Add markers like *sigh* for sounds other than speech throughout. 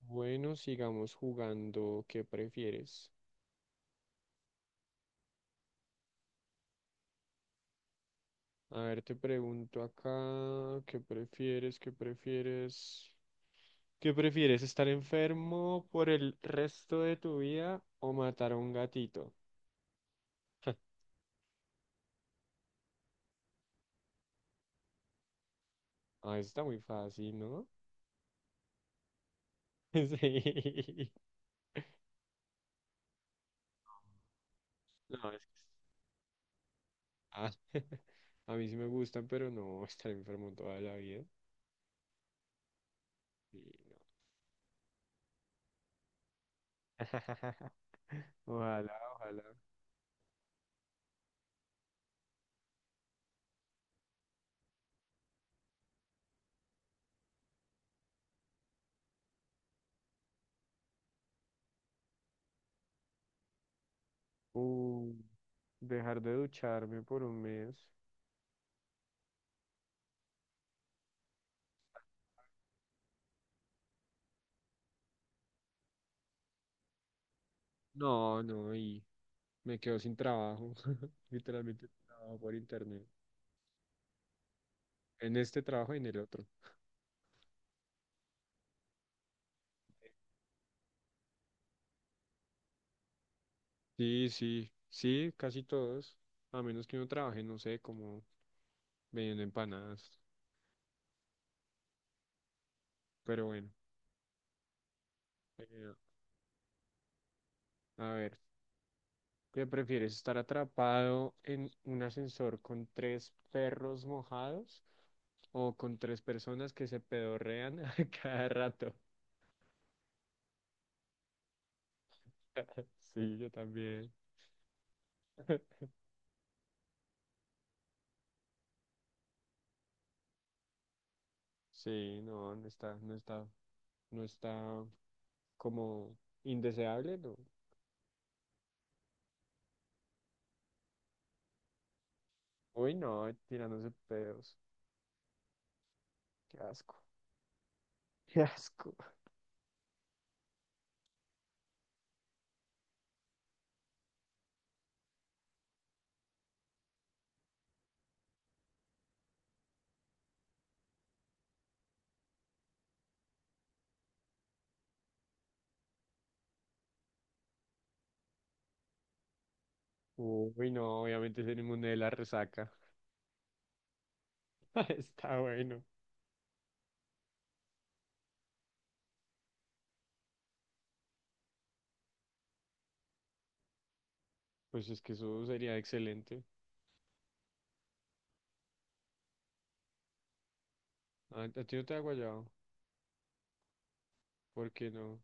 Bueno, sigamos jugando. ¿Qué prefieres? A ver, te pregunto acá, ¿qué prefieres? ¿Qué prefieres? ¿Qué prefieres? ¿Estar enfermo por el resto de tu vida o matar a un gatito? Ah, eso está muy fácil, ¿no? *laughs* Sí. No, es que... Ah, *laughs* a mí sí me gustan, pero no *laughs* estar enfermo toda la vida. Sí, no. *laughs* Ojalá, ojalá. Uh, dejar de ducharme por un mes. No, no, y me quedo sin trabajo, *laughs* literalmente trabajo por internet, en este trabajo y en el otro. Sí, sí, sí, casi todos, a menos que uno trabaje, no sé, como vendiendo empanadas, pero bueno, eh, a ver, ¿qué prefieres, estar atrapado en un ascensor con tres perros mojados o con tres personas que se pedorrean *laughs* a cada rato? Sí, yo también. Sí, no, no está, no está, no está, como indeseable, no. Uy, no, tirándose pedos. Qué asco. *laughs* Qué asco. Uy, no, obviamente es el inmune de la resaca. *laughs* Está bueno. Pues es que eso sería excelente. A ti no te da guayado. ¿Por qué no?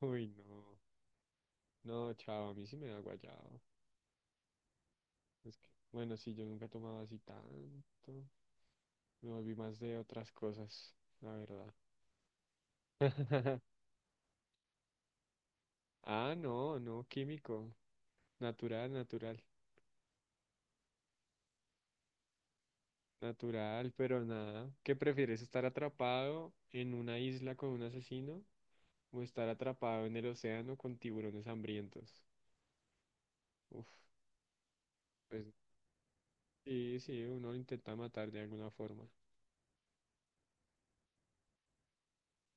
Uy, no. No, chao, a mí sí me da guayado. Es que, bueno, sí, yo nunca tomaba así tanto. Me volví más de otras cosas, la verdad. *laughs* Ah, no, no, químico. Natural, natural. Natural, pero nada. ¿Qué prefieres, estar atrapado en una isla con un asesino o estar atrapado en el océano con tiburones hambrientos? Uf, pues sí, sí, uno lo intenta matar de alguna forma.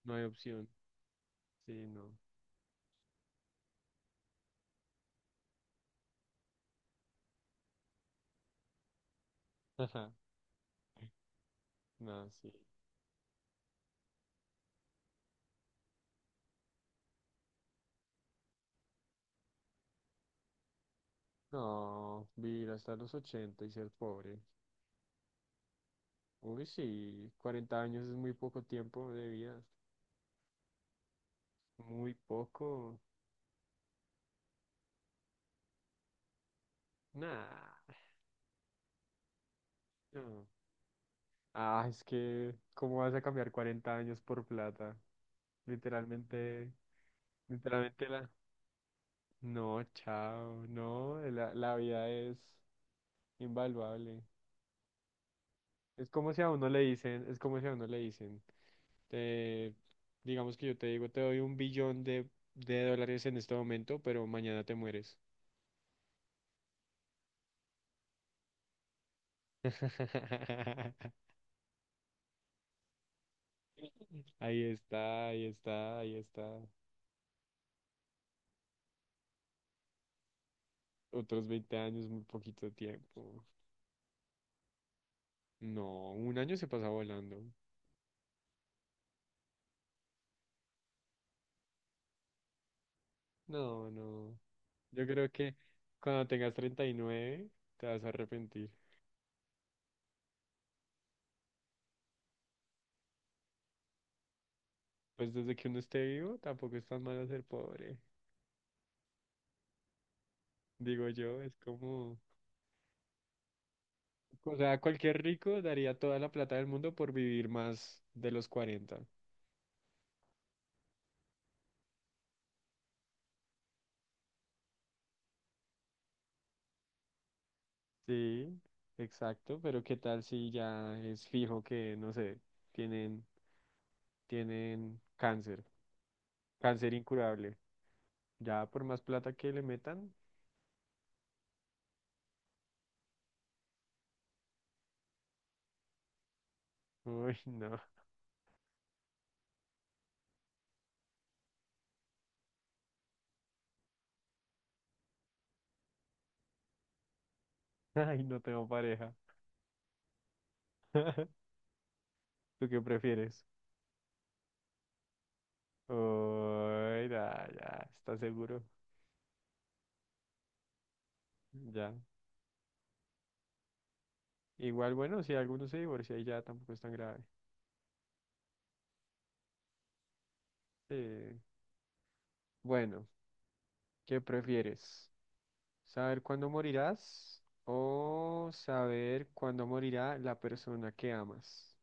No hay opción. Sí, no. Ajá, no, sí. No, vivir hasta los 80 y ser pobre. Uy, sí, 40 años es muy poco tiempo de vida. Muy poco. Nah, no. Ah, es que, ¿cómo vas a cambiar 40 años por plata? Literalmente, literalmente la... No, chao, no, la vida es invaluable. Es como si a uno le dicen, es como si a uno le dicen, te- digamos que yo te digo, te doy un billón de dólares en este momento, pero mañana te mueres. *laughs* Ahí está, ahí está, ahí está. Otros 20 años, muy poquito tiempo. No, un año se pasa volando. No, no. Yo creo que cuando tengas 39 te vas a arrepentir. Pues desde que uno esté vivo tampoco es tan malo ser pobre. Digo yo, es como... O sea, cualquier rico daría toda la plata del mundo por vivir más de los 40. Sí, exacto, pero ¿qué tal si ya es fijo que, no sé, tienen, tienen cáncer, cáncer incurable? Ya por más plata que le metan, uy, no. *laughs* Ay, no tengo pareja. *laughs* ¿Tú qué prefieres? Uy, ya, ya, está seguro. Ya. Igual, bueno, si alguno se divorcia y ya tampoco es tan grave. Sí. Bueno, ¿qué prefieres? ¿Saber cuándo morirás o saber cuándo morirá la persona que amas?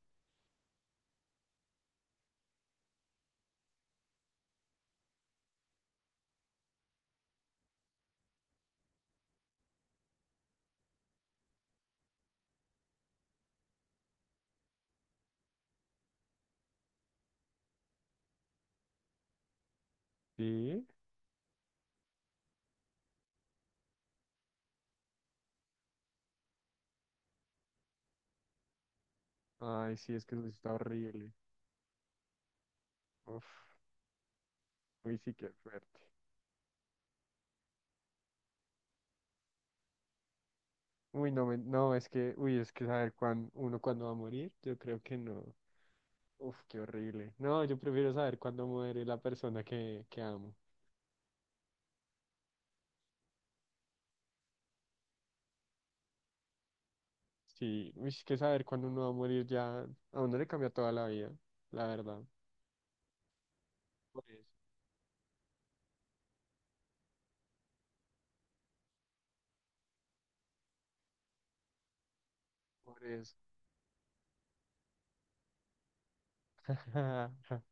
Sí. Ay, sí, es que eso está horrible. Uf, uy, sí, qué fuerte. Uy, no, no, es que, uy, es que saber uno cuándo va a morir, yo creo que no. Uf, qué horrible. No, yo prefiero saber cuándo muere la persona que amo. Sí, uy, es que saber cuándo uno va a morir ya, a uno le cambia toda la vida, la verdad. Por eso, por eso. *laughs*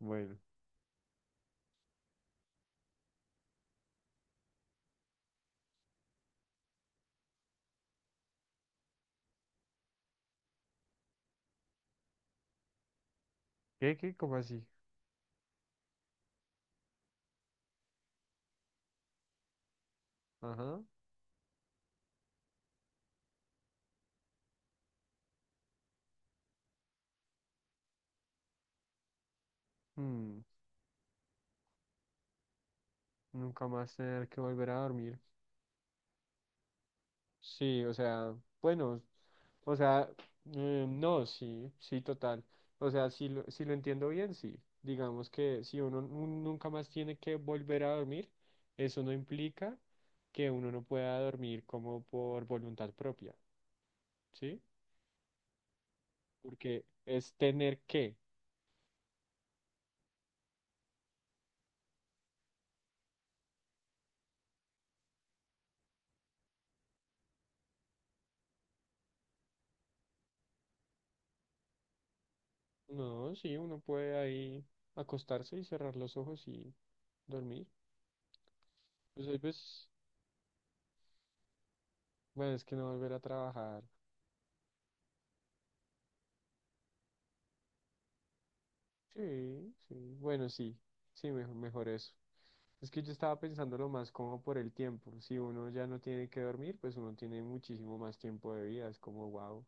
Bueno, ¿qué, qué? ¿Cómo así? Ajá. mm, Nunca más tener que volver a dormir. Sí, o sea, bueno, o sea, no, sí, sí, total. O sea, si lo entiendo bien, sí. Digamos que si uno nunca más tiene que volver a dormir, eso no implica que uno no pueda dormir como por voluntad propia, ¿sí? Porque es tener que. No, sí, uno puede ahí acostarse y cerrar los ojos y dormir. Pues hay veces, bueno, es que no volver a trabajar. Sí, sí. Bueno, sí, sí, mejor, mejor eso. Es que yo estaba pensándolo más como por el tiempo. Si uno ya no tiene que dormir, pues uno tiene muchísimo más tiempo de vida. Es como, wow.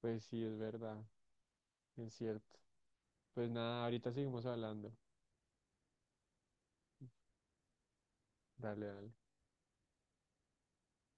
Pues sí, es verdad, es cierto. Pues nada, ahorita seguimos hablando. Dale, dale.